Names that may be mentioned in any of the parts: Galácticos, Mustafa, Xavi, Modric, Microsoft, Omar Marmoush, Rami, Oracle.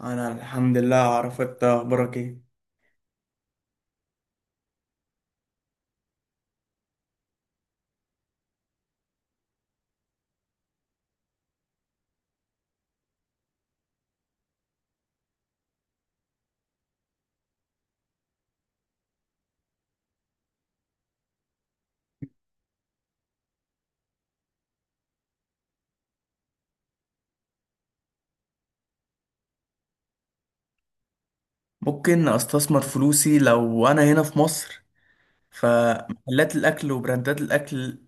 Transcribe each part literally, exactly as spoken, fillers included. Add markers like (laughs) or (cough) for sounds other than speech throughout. انا الحمد لله. اعرف انت اخبارك ايه؟ ممكن استثمر فلوسي لو انا هنا في مصر، فمحلات الاكل وبراندات الاكل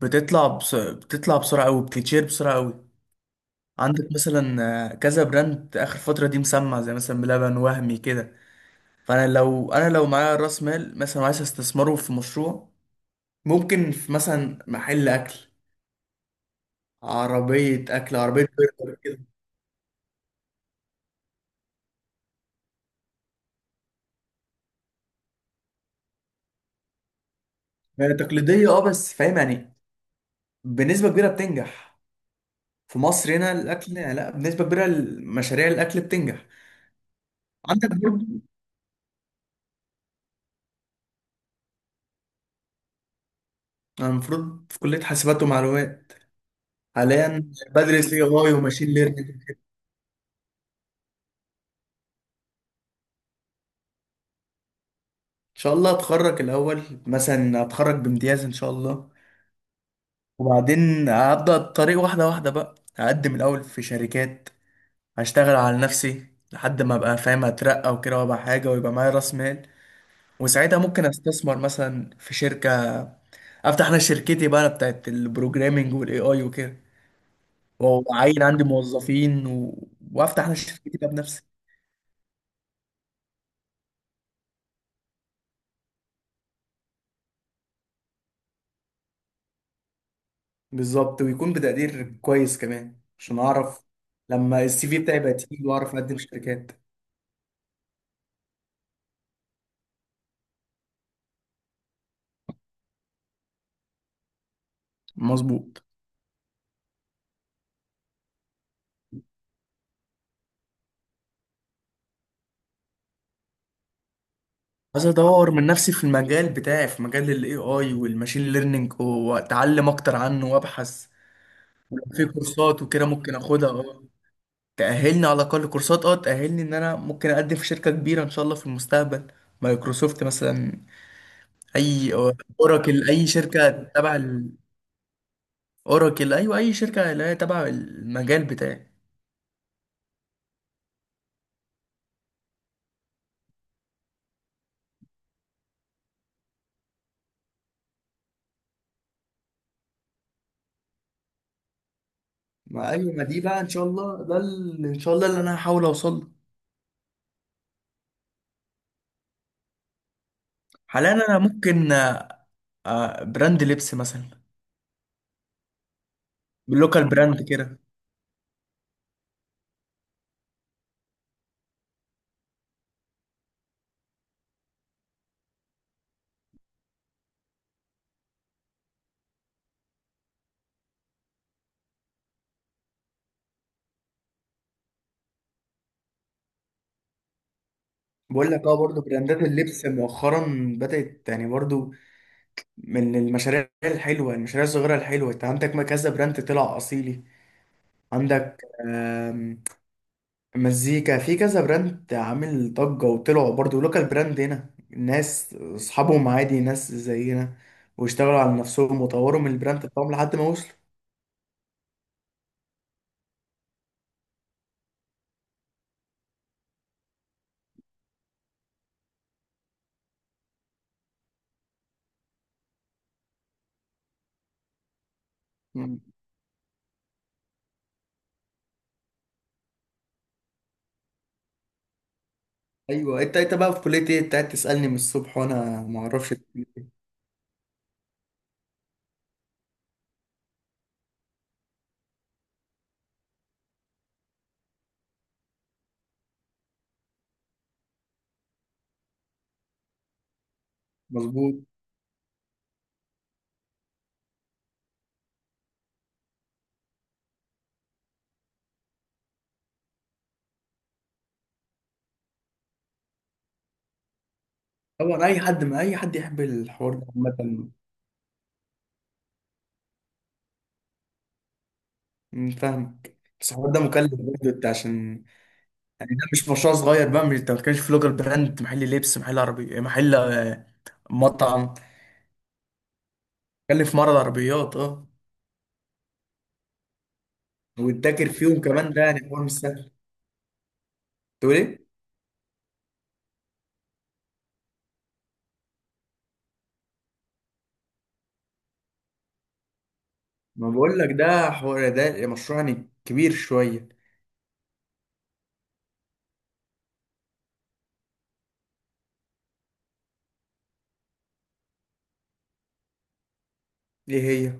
بتطلع بس... بتطلع بسرعه قوي، بتتشير بسرعه قوي. عندك مثلا آه، كذا براند اخر فتره دي مسمع، زي مثلا بلبن وهمي كده. فانا لو انا لو معايا راس مال مثلا عايز استثمره في مشروع، ممكن في مثلا محل اكل، عربيه اكل، عربيه برجر كده. يعني تقليديه، اه، بس فاهم يعني، بنسبه كبيره بتنجح. في مصر هنا الاكل، لا، بنسبه كبيره مشاريع الاكل بتنجح. عندك برضه. انا المفروض في كليه حاسبات ومعلومات. حاليا بدرس اي اي وماشين ليرنينج. ان شاء الله اتخرج الاول، مثلا اتخرج بامتياز ان شاء الله، وبعدين هبدا الطريق واحده واحده بقى. هقدم الاول في شركات، هشتغل على نفسي لحد ما ابقى فاهم، اترقى وكده، وابقى حاجه ويبقى معايا راس مال، وساعتها ممكن استثمر مثلا في شركه، افتح انا شركتي بقى بتاعت البروجرامينج والاي اي وكده، وعين عندي موظفين و... وافتح انا شركتي بقى بنفسي. بالظبط، ويكون بتقدير كويس كمان عشان اعرف لما السي في بتاعي بقى تقيل، واعرف اقدم شركات. مظبوط. عايز اطور من نفسي في المجال بتاعي، في مجال الاي اي والماشين ليرنينج، واتعلم اكتر عنه وابحث. في كورسات وكده ممكن اخدها، اه، تأهلني على الاقل. كورسات، اه، تأهلني ان انا ممكن اقدم في شركة كبيرة ان شاء الله في المستقبل. مايكروسوفت مثلا، اي آه، اوراكل، اي شركة تبع. اوراكل، ايوه، اي شركه اللي هي تبع المجال بتاعي. ما، اه، ايوه، ما دي بقى ان شاء الله، ده ال- ان شاء الله اللي انا هحاول اوصل له. حاليا انا ممكن، آه، آه، براند لبس مثلا، باللوكال براند كده. بقول لك، اه، برضه براندات اللبس مؤخرا بدأت يعني برضه من المشاريع الحلوة، المشاريع الصغيرة الحلوة. انت عندك ما كذا براند طلع أصيلي. عندك مزيكا، في كذا براند عامل ضجة وطلعوا برضو لوكال براند هنا، ناس أصحابهم عادي، ناس زينا، واشتغلوا على نفسهم وطوروا من البراند بتاعهم لحد ما وصلوا. مم. أيوة. أنت أنت بقى في كلية إيه؟ أنت قاعد تسألني من الصبح وأنا معرفش إنت في كلية إيه. مظبوط. طبعا أي حد، ما أي حد يحب الحوار ده عامة. أمم، فاهمك، بس الحوار ده مكلف برضه. أنت عشان يعني ده مش مشروع صغير بقى. مش أنت ما بتتكلمش في لوكال براند، محل لبس، محل عربي، محل آه، مطعم، بتتكلم في معرض عربيات، أه، وتذاكر فيهم كمان. ده يعني حوار مش سهل. تقول ايه؟ ما بقول لك ده حوار، ده مشروع يعني كبير شويه. ايه هي؟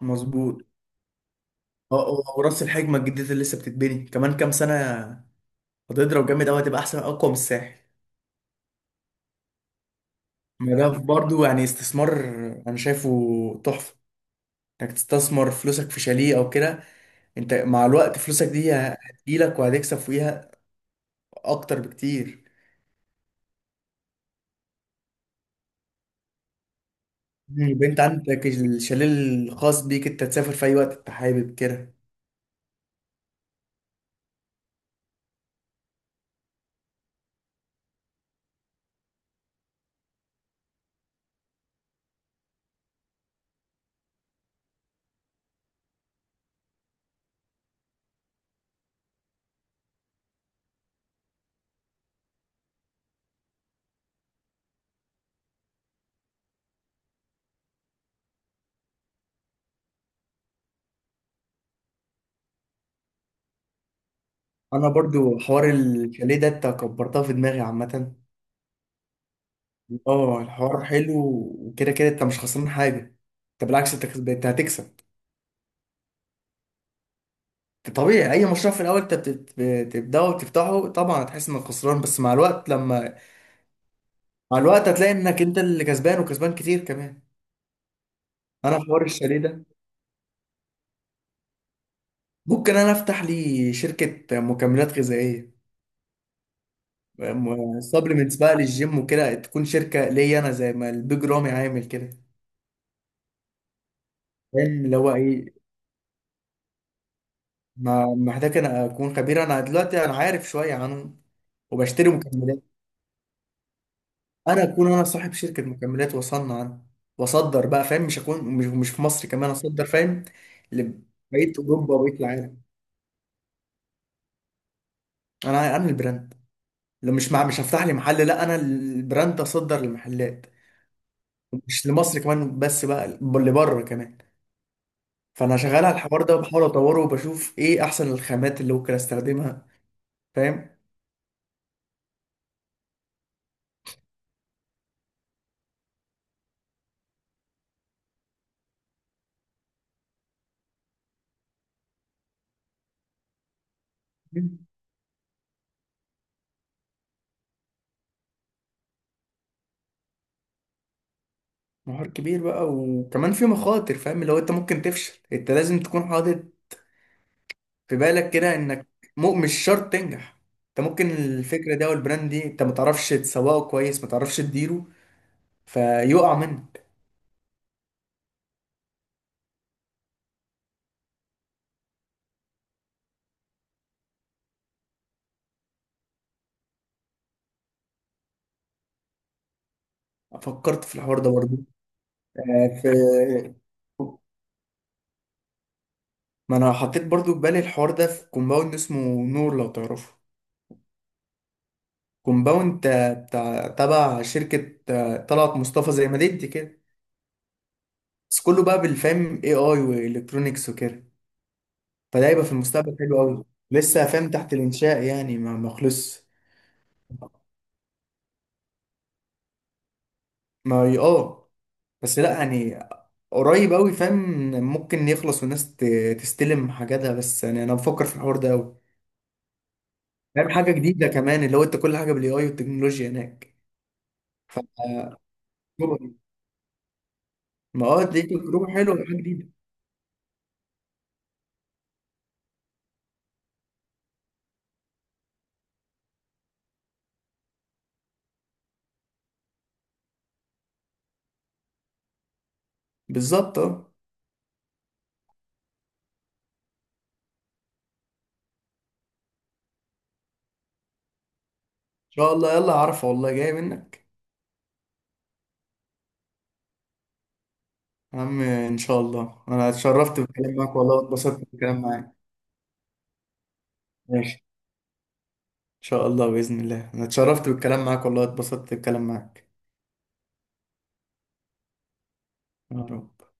مظبوط. اه، اه، أه، وراس الحكمه الجديده اللي لسه بتتبني كمان كام سنه هتضرب جامد قوي، هتبقى احسن، اقوى من الساحل. ما ده برضو يعني استثمار، انا شايفه تحفه انك تستثمر فلوسك في شاليه او كده. انت مع الوقت فلوسك دي هتجيلك وهتكسب فيها اكتر بكتير. يبقى انت عندك الشاليه الخاص بيك، انت تسافر في اي وقت انت حابب كده. انا برضو حوار الشاليه ده انت كبرتها في دماغي عامه. اه الحوار حلو، وكده كده انت مش خسران حاجه، انت بالعكس، انت كسب- انت هتكسب. طبيعي، اي مشروع في الاول انت بتت- بتبداه وتفتحه، طبعا هتحس انك خسران، بس مع الوقت لما، مع الوقت هتلاقي انك انت اللي كسبان، وكسبان كتير كمان. انا في حوار الشاليه ده ممكن انا افتح لي شركه مكملات غذائيه، سبلمنتس بقى للجيم وكده، تكون شركه ليا انا زي ما البيج رامي عامل كده. فاهم اللي هو ايه؟ ما محتاج انا اكون خبير، انا دلوقتي انا عارف شويه عنهم وبشتري مكملات. انا اكون انا صاحب شركه مكملات واصنع انا واصدر بقى، فاهم، مش اكون مش, مش في مصر كمان، اصدر فاهم، لبقيه اوروبا وبقيه العالم. انا انا البراند. لو مش مع، مش هفتح لي محل، لا انا البراند اصدر لمحلات، مش لمصر كمان بس بقى، لبره كمان. فانا شغال على الحوار ده، وبحاول اطوره، وبشوف ايه احسن الخامات اللي ممكن استخدمها، فاهم. نهار كبير بقى، وكمان في مخاطر، فاهم اللي هو انت ممكن تفشل، انت لازم تكون حاطط في بالك كده انك، مو مش شرط تنجح. انت ممكن الفكرة دي او البراند دي انت ما تعرفش تسوقه كويس، ما تعرفش تديره، فيقع منك. فكرت في الحوار ده برضو، آه، في. (laughs) ما انا حطيت برضو في بالي الحوار ده، في كومباوند اسمه نور، لو تعرفه. كومباوند، آه، بتاع تبع شركة، آه، طلعت مصطفى، زي ما ديت كده. بس كله بقى بالفهم، اي اي والكترونيكس وكده. فده هيبقى في المستقبل حلو قوي. لسه فاهم تحت الانشاء يعني، ما ما خلصش. ما هي- اه، بس لا يعني قريب قوي، فاهم. ممكن يخلص والناس ت- تستلم حاجاتها، بس يعني انا بفكر في الحوار ده قوي، فاهم. حاجه جديده كمان، اللي هو انت كل حاجه بالاي اي والتكنولوجيا هناك، تجربة. ما اه، دي تجربه حلوه، حاجه جديده. بالظبط، اه، ان شاء الله. يلا، عارفه والله جاي منك. يا عم ان شاء الله، انا اتشرفت بالكلام معاك والله، واتبسطت بالكلام معاك. ماشي. شاء الله، بإذن الله، أنا اتشرفت بالكلام معاك والله، اتبسطت بالكلام معاك. يا رب.